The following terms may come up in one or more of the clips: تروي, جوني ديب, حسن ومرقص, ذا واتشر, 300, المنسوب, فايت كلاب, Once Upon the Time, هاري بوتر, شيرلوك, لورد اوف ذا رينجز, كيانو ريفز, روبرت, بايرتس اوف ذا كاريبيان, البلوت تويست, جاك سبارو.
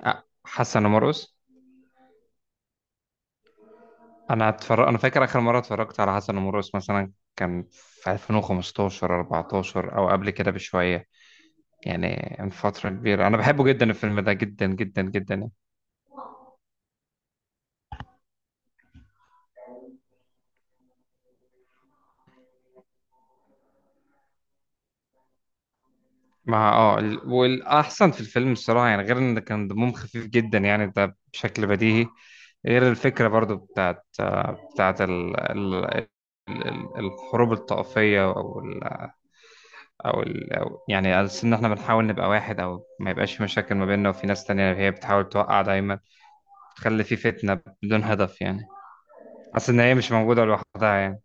آه، حسن ومرقص. انا فاكر اخر مره اتفرجت على حسن ومرقص مثلا كان في 2015، 14، او قبل كده بشويه، يعني من فتره كبيره. انا بحبه جدا الفيلم ده، جدا جدا جدا يعني. والاحسن في الفيلم الصراحه، يعني غير ان كان دمهم خفيف جدا يعني ده بشكل بديهي. غير الفكره برضو بتاعت الحروب الطائفيه، أو يعني على أساس ان احنا بنحاول نبقى واحد او ما يبقاش في مشاكل ما بيننا، وفي ناس تانية هي بتحاول توقع دايما، تخلي في فتنة بدون هدف يعني. حاسس ان هي مش موجودة لوحدها يعني.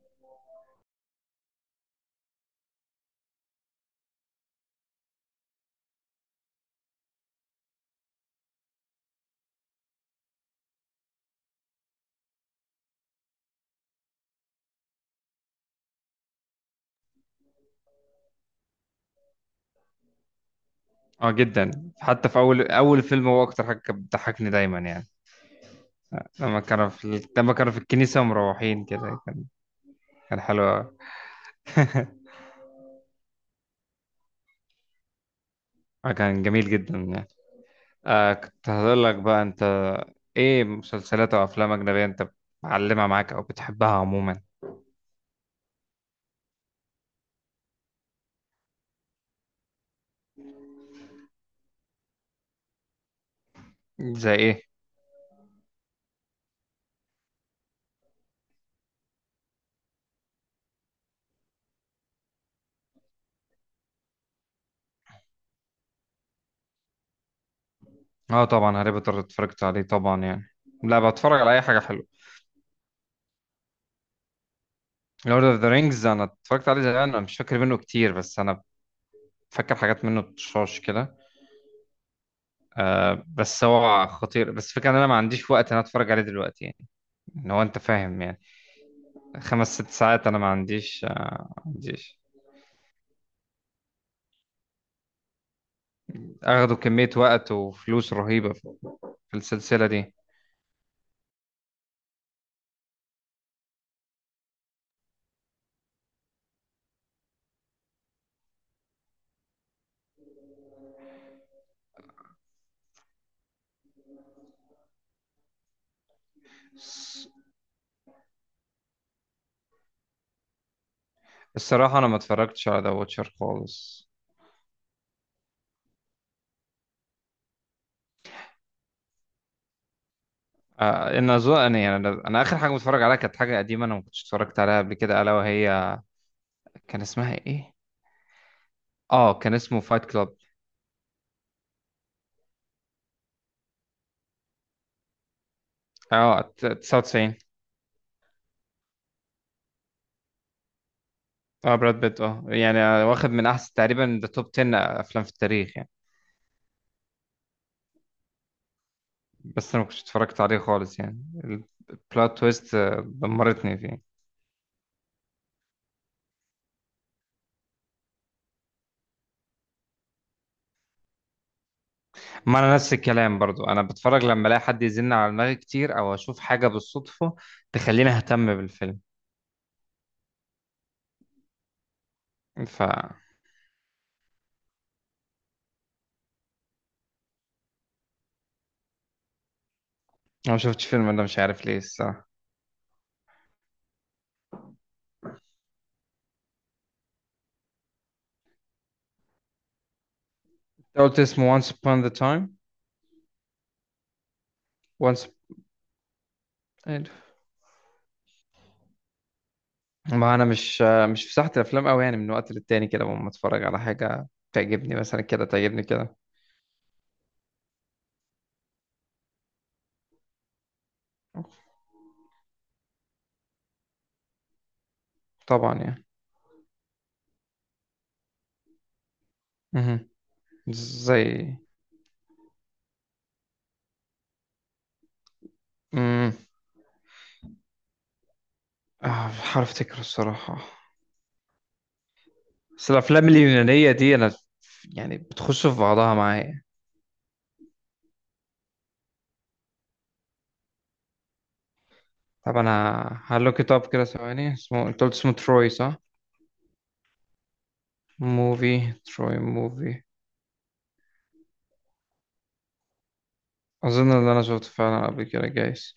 اه جدا، حتى في اول اول فيلم هو اكتر حاجة كانت بتضحكني دايما يعني لما كانوا في الكنيسة ومروحين كده، كان حلو أوي. آه، كان جميل جدا يعني. كنت هقول لك بقى انت ايه مسلسلات او افلام اجنبية انت معلمة معاك او بتحبها عموما؟ زي ايه؟ اه طبعا هاري بوتر اتفرجت عليه طبعا يعني. لا بتفرج على اي حاجه حلوه. لورد اوف ذا رينجز انا اتفرجت عليه زمان، انا مش فاكر منه كتير بس انا فاكر حاجات منه بتشاش كده. آه، بس هو خطير، بس فكرة ان انا ما عنديش وقت ان انا اتفرج عليه دلوقتي يعني، ان هو انت فاهم يعني. خمس ست ساعات انا ما عنديش، آه، ما عنديش. اخدوا كمية وقت وفلوس رهيبة في في السلسلة دي. الص- الصراحة انا ما اتفرجتش على ذا واتشر خالص. آه، ان اظن يعني انا اخر حاجة متفرج عليها كانت حاجة قديمة انا ما كنتش اتفرجت عليها قبل كده الا وهي، كان اسمها ايه؟ اه كان اسمه فايت كلاب. اه 99. اه براد بيت، يعني، آه، واخد من احسن، تقريبا ده توب 10 افلام في التاريخ يعني. بس انا ما كنتش اتفرجت عليه خالص يعني. البلوت تويست آه، دمرتني فيه. ما انا نفس الكلام برضو، انا بتفرج لما الاقي حد يزن على دماغي كتير او اشوف حاجه بالصدفه تخليني اهتم بالفيلم. ف انا ما شفتش فيلم، انا مش عارف ليه الصراحه. أنت قلت اسمه Once Upon the Time؟ Once. ما انا مش في ساحة الافلام قوي يعني، من وقت للتاني كده لما اتفرج على حاجة تعجبني مثلا كده، تعجبني كده، طبعا يعني. مهم. زي امم مش عارف افتكر الصراحة. بس الافلام اليونانية دي انا يعني بتخش في بعضها معايا. طب انا هلوك ات اب كده ثواني، اسمه انت قلت اسمه تروي صح؟ موفي تروي موفي. اظن ان انا شفته فعلا قبل كده جايز.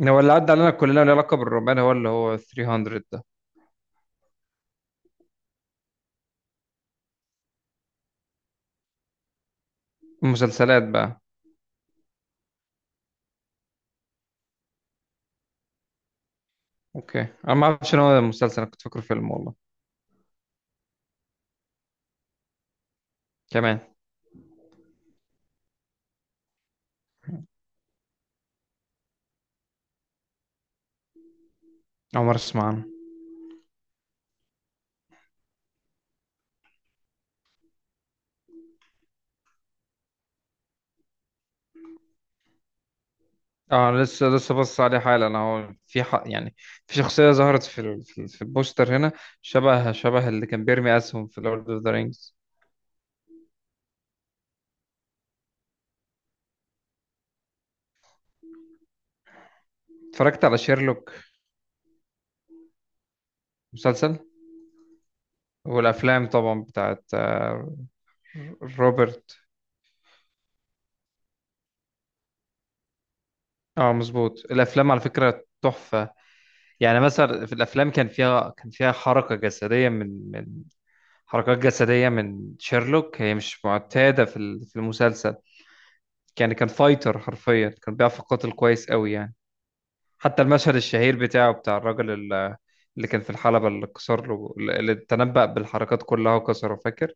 إن هو اللي عدى علينا كلنا له علاقة بالرومان هو اللي هو 300 ده. المسلسلات بقى. اوكي انا ما اعرفش ان هو مسلسل، أنا كنت فاكره فيلم والله. كمان، اول مره اسمع عنه. اه لسه لسه بص عليه حالا انا، هو في حق يعني. في شخصيه ظهرت في البوستر هنا، شبه اللي كان بيرمي اسهم في لورد اوف ذا رينجز. اتفرجت على شيرلوك مسلسل. والافلام طبعا بتاعت روبرت. اه مظبوط، الافلام على فكره تحفه يعني. مثلا في الافلام كان فيها حركه جسديه من حركات جسديه من شيرلوك هي مش معتاده في المسلسل يعني. كان فايتر، حرفيا كان بيعرف يقاتل كويس قوي يعني. حتى المشهد الشهير بتاعه بتاع الراجل اللي كان في الحلبة اللي كسر له، اللي تنبأ بالحركات كلها وكسره، فاكر؟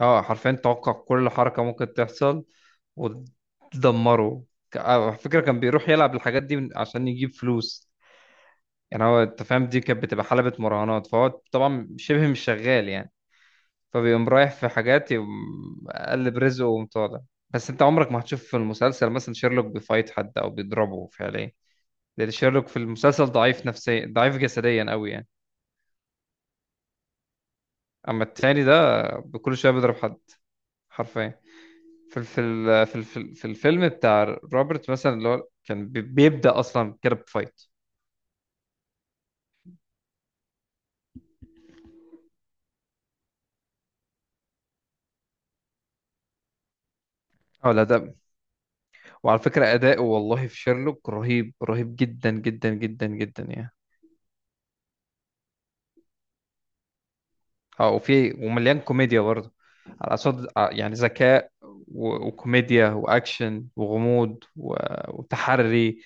اه حرفيا توقع كل حركة ممكن تحصل ودمره. على فكرة كان بيروح يلعب الحاجات دي عشان يجيب فلوس يعني، هو انت فاهم، دي كانت بتبقى حلبة مراهنات فهو طبعا شبه مش شغال يعني، فبيقوم رايح في حاجات يقوم قلب رزقه وقوم طالع. بس انت عمرك ما هتشوف في المسلسل مثلا شيرلوك بيفايت حد او بيضربه فعليا، لان شيرلوك في المسلسل ضعيف نفسيا، ضعيف جسديا قوي يعني. اما التاني ده بكل شويه بيضرب حد، حرفيا. في الفيلم بتاع روبرت مثلا، اللي هو كان بيبدأ اصلا كده بفايت. اه لا ده. وعلى فكره اداؤه والله في شيرلوك رهيب، رهيب جدا جدا جدا جدا يعني. اه، وفي ومليان كوميديا برضه، يعني ذكاء، وكوميديا واكشن وغموض، وتحري،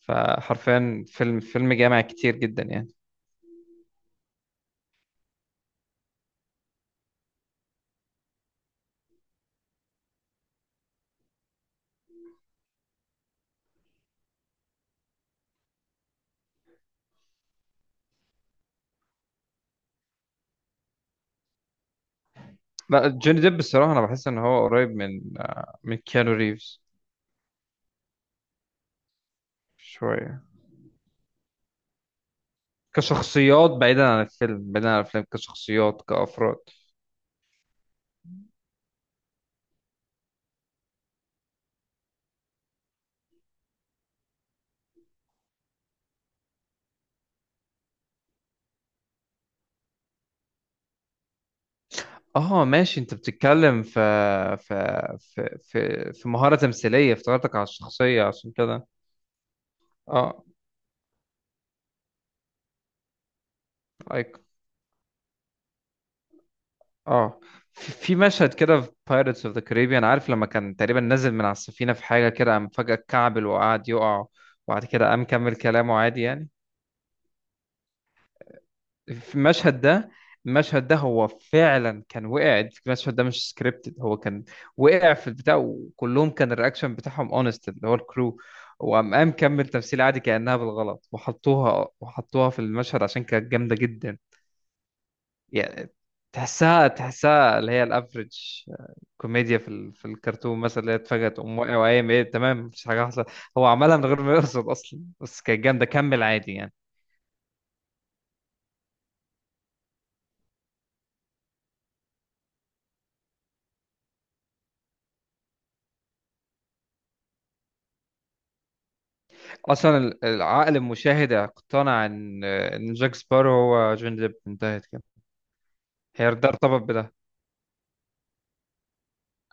فحرفيا فيلم، فيلم جامع كتير جدا يعني. لا جوني ديب الصراحة انا بحس ان هو قريب من كيانو ريفز شوية. كشخصيات بعيدا عن الفيلم، بعيدا عن الفيلم، كشخصيات كأفراد. اه ماشي، انت بتتكلم في مهارة تمثيلية، افتكرتك على الشخصية عشان كده. اه like اه في مشهد كده في بايرتس اوف ذا كاريبيان، عارف لما كان تقريبا نازل من على السفينه في حاجه كده، قام فجاه اتكعبل وقعد يقع، وبعد كده قام كمل كلامه عادي يعني. في المشهد ده، المشهد ده هو فعلا كان وقع، المشهد ده مش سكريبتد، هو كان وقع في البتاع وكلهم كان الرياكشن بتاعهم اونست، اللي هو الكرو، وقام قام كمل تمثيل عادي كأنها بالغلط، وحطوها في المشهد عشان كانت جامدة جدا يعني. تحسها اللي هي الافريج كوميديا في ال... في الكرتون مثلا، اللي هي اتفاجئت تقوم واقع وقايم ايه تمام مفيش حاجه حصلت. هو عملها من غير ما يقصد اصلا بس كانت جامده كمل عادي يعني. اصلا العقل المشاهد اقتنع ان جاك سبارو هو جوني ديب، انتهت كده، هي ده ارتبط بده.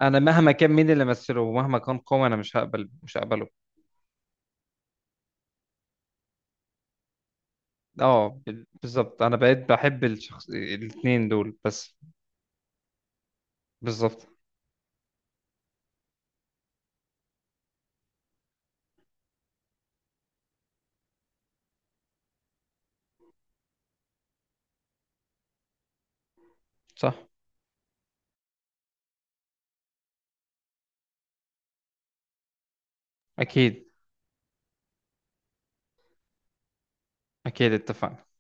انا مهما كان مين اللي مثله، ومهما كان قوي، انا مش هقبله. اه بالظبط انا بقيت بحب الشخص، الاتنين دول بس. بالظبط. صح. اكيد، اكيد اتفقنا.